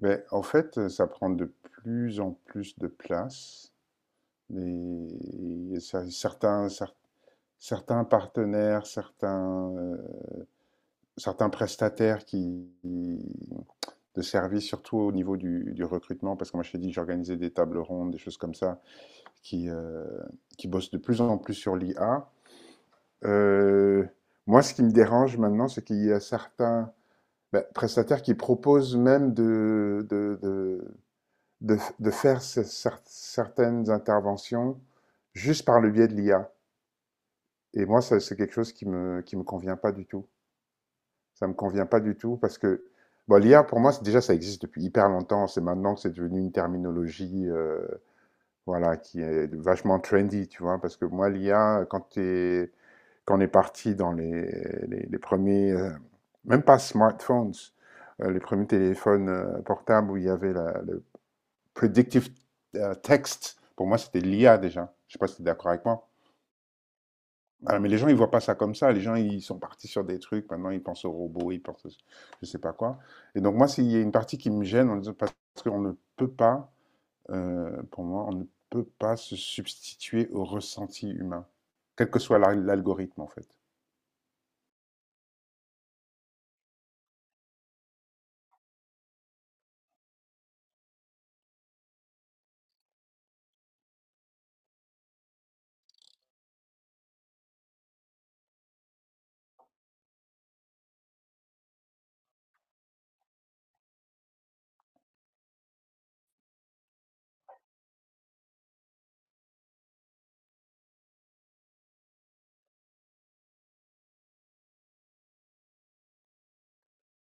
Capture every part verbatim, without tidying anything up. Beh, en fait, euh, ça prend de plus en plus de place. Et ça- certains, cer- certains partenaires, certains, euh, certains prestataires qui, de services, surtout au niveau du, du recrutement, parce que moi je t'ai dit que j'organisais des tables rondes, des choses comme ça, qui, euh, qui bossent de plus en plus sur l'I A. Euh, Moi, ce qui me dérange maintenant, c'est qu'il y a certains ben, prestataires qui proposent même de, de, de faire ce- certaines interventions juste par le biais de l'I A. Et moi, c'est quelque chose qui me, qui me convient pas du tout. Ça me convient pas du tout parce que bon, l'I A, pour moi, déjà, ça existe depuis hyper longtemps. C'est maintenant que c'est devenu une terminologie euh, voilà, qui est vachement trendy, tu vois. Parce que moi, l'I A, quand, t'es- quand on est parti dans les, les, les premiers, euh, même pas smartphones, euh, les premiers téléphones euh, portables où il y avait la, le- predictive euh, text, pour moi, c'était l'I A déjà. Je ne sais pas si tu es d'accord avec moi. Alors, mais les gens, ils ne voient pas ça comme ça. Les gens, ils sont partis sur des trucs. Maintenant, ils pensent aux robots, ils pensent, au- je ne sais pas quoi. Et donc, moi, s'il y a une partie qui me gêne, en disant- parce qu'on ne peut pas, euh, pour moi, on ne peut pas se substituer au ressenti humain, quel que soit l'algorithme, en fait.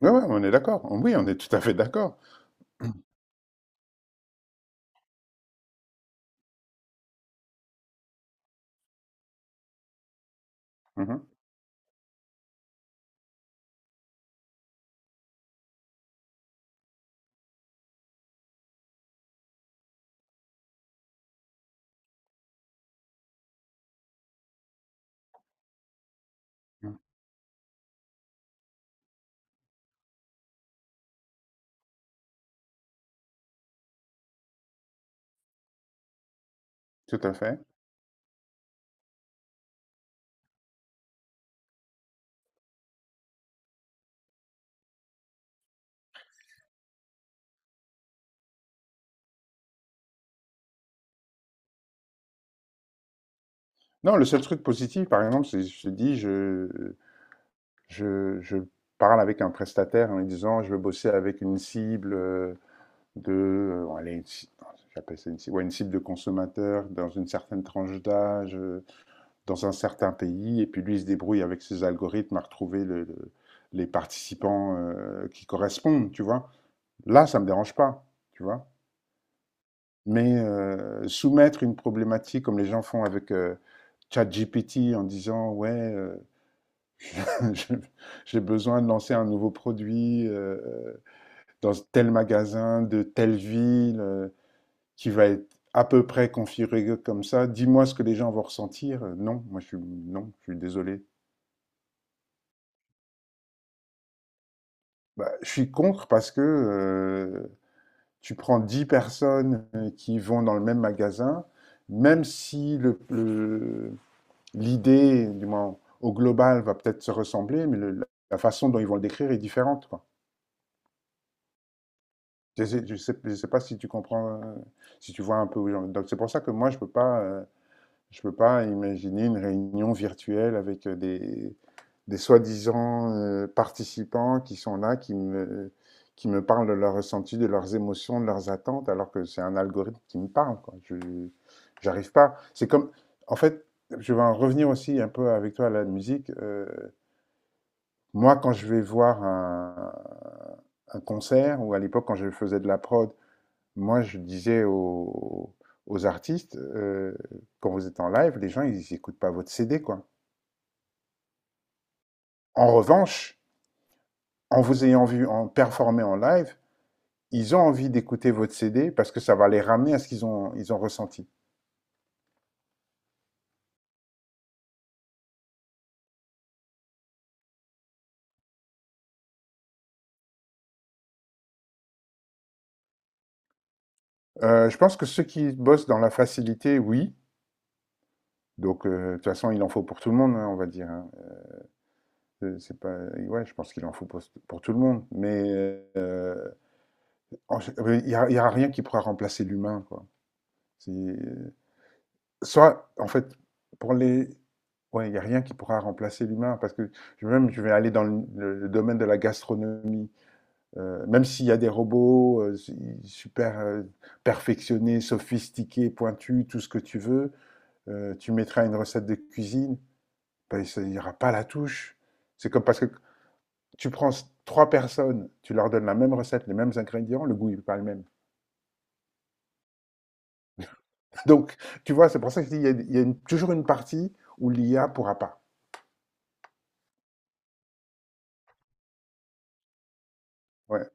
Oui, ouais, ouais, on est d'accord. Oui, on est tout à fait d'accord. Mhm. Tout à fait. Non, le seul truc positif, par exemple, c'est, je te dis, je, Je, je parle avec un prestataire en lui disant, je veux bosser avec une cible euh, de, euh, bon, allez, une ci- j'appelle ça une cible, ouais, une cible de consommateur dans une certaine tranche d'âge, euh, dans un certain pays, et puis lui il se débrouille avec ses algorithmes à retrouver le- le- les participants euh, qui correspondent, tu vois. Là, ça me dérange pas, tu vois. Mais euh, soumettre une problématique comme les gens font avec euh, ChatGPT en disant, ouais. euh, Je- J'ai besoin de lancer un nouveau produit euh, euh, dans tel magasin de telle ville euh, qui va être à peu près configuré comme ça. Dis-moi ce que les gens vont ressentir. Euh, Non, moi je suis non, je suis désolé. Bah, je suis contre parce que euh, tu prends dix personnes euh, qui vont dans le même magasin, même si le, le- l'idée, du moins au global, va peut-être se ressembler, mais le- la façon dont ils vont le décrire est différente. Je ne sais, sais pas si tu comprends, euh, si tu vois un peu où j'en. Donc c'est pour ça que moi, je ne peux pas, euh, je peux pas imaginer une réunion virtuelle avec euh, des, des soi-disant euh, participants qui sont là, qui me, qui me parlent de leurs ressentis, de leurs émotions, de leurs attentes, alors que c'est un algorithme qui me parle, quoi. Je, j'arrive pas. C'est comme, en fait, je vais en revenir aussi un peu avec toi à la musique. Euh, moi, quand je vais voir un, un concert, ou à l'époque quand je faisais de la prod, moi, je disais aux, aux artistes, euh, quand vous êtes en live, les gens, ils n'écoutent pas votre C D, quoi. En revanche, en vous ayant vu en performer en live, ils ont envie d'écouter votre C D parce que ça va les ramener à ce qu'ils ont, ils ont ressenti. Euh, je pense que ceux qui bossent dans la facilité, oui. Donc, euh, de toute façon, il en faut pour tout le monde, hein, on va dire, hein. Euh, C'est pas, ouais, je pense qu'il en faut pour, pour tout le monde. Mais euh, en- il n'y a, y a rien qui pourra remplacer l'humain, quoi. Soit, en fait, pour les... Ouais, il n'y a rien qui pourra remplacer l'humain, parce que je- même je vais aller dans le, le- le domaine de la gastronomie, euh, même s'il y a des robots euh, su- super euh, perfectionnés, sophistiqués, pointus, tout ce que tu veux, euh, tu mettras une recette de cuisine, ben, ça- il n'y aura pas la touche. C'est comme parce que tu prends s- trois personnes, tu leur donnes la même recette, les mêmes ingrédients, le goût n'est pas le même. Donc, tu vois, c'est pour ça qu'il y a, il y a une- toujours une partie où l'I A pourra pas. Ouais.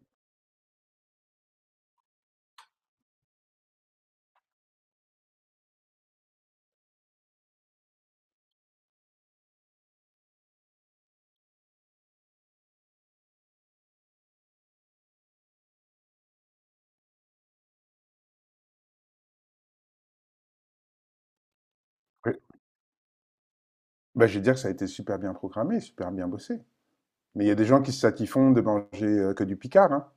Bah, je vais dire que ça a été super bien programmé, super bien bossé. Mais il y a des gens qui se satisfont de manger euh, que du Picard, hein.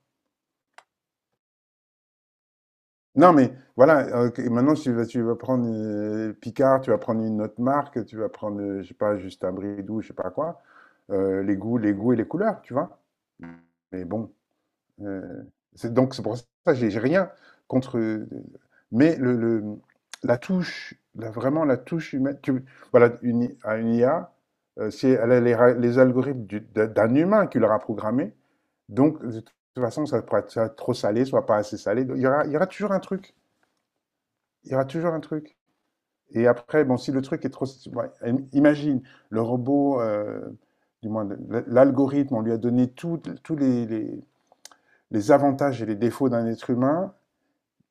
Non, mais voilà, euh, que- maintenant, si tu vas, tu vas prendre euh, Picard, tu vas prendre une autre marque, tu vas prendre, euh, je sais pas, juste un bridou, je sais pas quoi, euh, les goûts, les goûts et les couleurs, tu vois. Mais bon, Heu, c'est donc c'est pour ça que j'ai j'ai rien contre, euh, mais le le la touche, la vraiment la touche humaine, tu voilà une I à une I A, heu, si elle a les ra les algorithmes du d'un d'un humain qui l'aura programmé, donc de toute façon ça pourra être soit trop salé, soit pas assez salé, donc il y aura il y aura toujours un truc, il y aura toujours un truc et après bon si le truc est trop ouais, imagine le robot, heu, du moins le l'algorithme, on lui a donné toutes tous les les les avantages et les défauts d'un être humain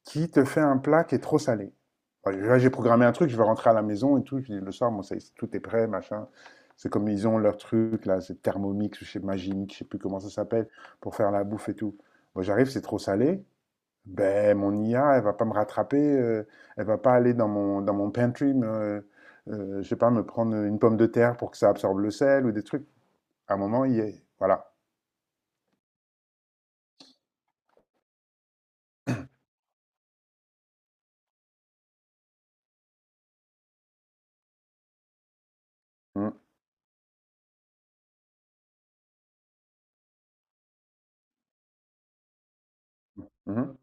qui te fait un plat qui est trop salé. Enfin, là, j'ai programmé un truc, je vais rentrer à la maison et tout, je dis le soir, bon, ça, tout est prêt, machin. C'est comme ils ont leur truc, là, c'est Thermomix ou chez Magimix, je sais plus comment ça s'appelle, pour faire la bouffe et tout. Moi, j'arrive, c'est trop salé. Ben, mon I A, elle va pas me rattraper, euh, elle va pas aller dans mon, dans mon pantry, mais, euh, euh, je sais pas, me prendre une pomme de terre pour que ça absorbe le sel ou des trucs. À un moment, il y est. Voilà. Mhm, mhm,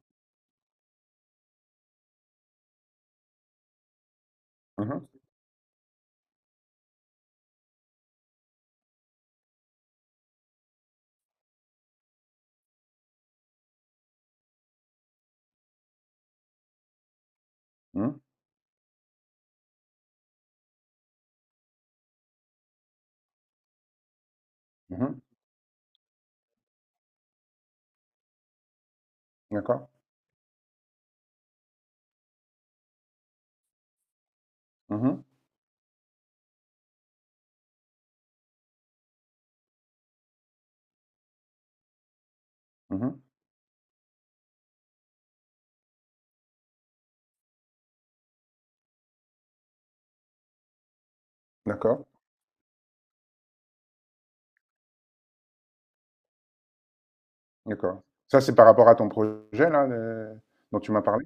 mhm, mhm, mhm. D'accord. Mhm. Mmh. D'accord, d'accord. Ça, c'est par rapport à ton projet là, le dont tu m'as parlé?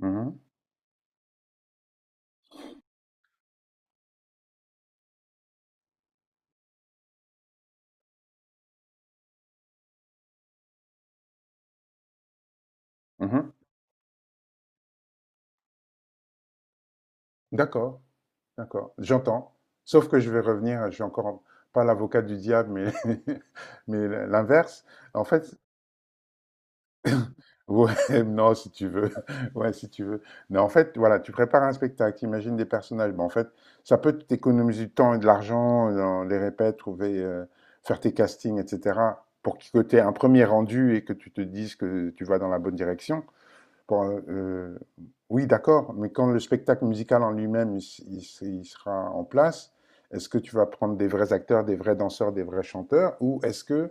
Mmh mh. Mmh. D'accord, d'accord, j'entends. Sauf que je vais revenir, je suis encore pas l'avocat du diable, mais mais l'inverse. En fait ouais, non, si tu veux. Ouais, si tu veux. Mais en fait, voilà, tu prépares un spectacle, tu imagines des personnages, mais en fait, ça peut t'économiser du temps et de l'argent dans les répètes, trouver, heu, faire tes castings et cetera, pour que tu aies un premier rendu et que tu te dises que tu vas dans la bonne direction. Pour, euh, euh, oui, d'accord, mais quand le spectacle musical en lui-même il, il il sera en place, est-ce que tu vas prendre des vrais acteurs, des vrais danseurs, des vrais chanteurs, ou est-ce que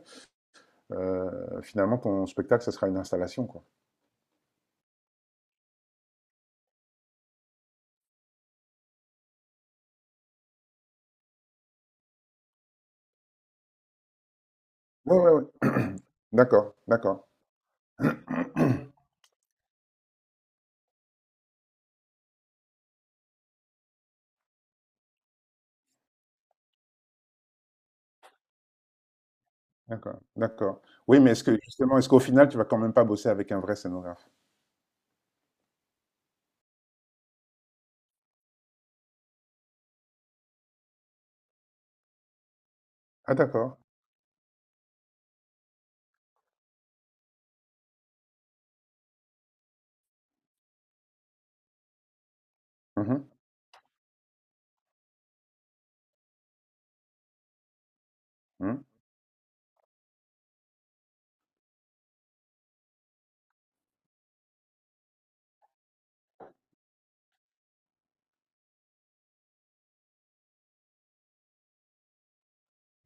euh, finalement ton spectacle, ce sera une installation, quoi? Ouais, ouais, ouais. D'accord, d'accord, d'accord, d'accord. Oui, mais est-ce que justement, est-ce qu'au final, tu vas quand même pas bosser avec un vrai scénographe? Ah, d'accord. Mhm, mhm.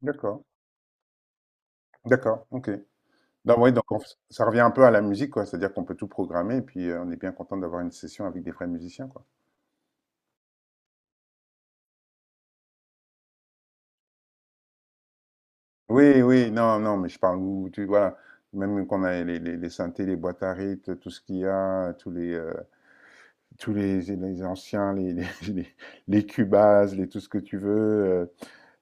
D'accord, d'accord, ok. Non, oui, donc on f- ça revient un peu à la musique, quoi. C'est-à-dire qu'on peut tout programmer et puis euh, on est bien content d'avoir une session avec des vrais musiciens, quoi. Oui, oui, non, non, mais je parle où tu voilà, même qu'on a les, les, les synthés, les boîtes à rythme, tout ce qu'il y a, tous les euh, tous les, les anciens, les les, les, les Cubase, les tout ce que tu veux. euh,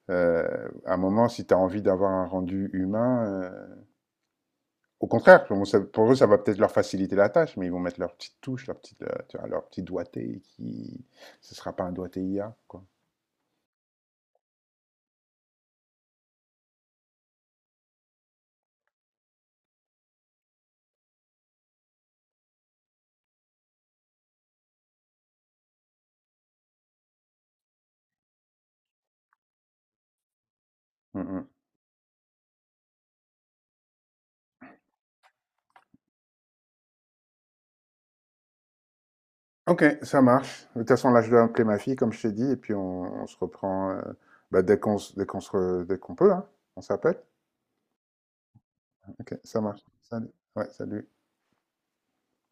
euh, À un moment, si tu as envie d'avoir un rendu humain, euh, au contraire, pour, moi, ça- pour eux, ça va peut-être leur faciliter la tâche, mais ils vont mettre leur petite touche, leur petite euh, tu vois, leur petit doigté qui ce sera pas un doigté I A, quoi. Mmh mh. OK, ça marche. De toute façon, là, je dois appeler ma fille, comme je t'ai dit, et puis on on se reprend, heu, bah, dès qu'on se dès qu'on se re dès qu'on peut, hein. On s'appelle? OK, ça marche. Salut. Ouais, salut.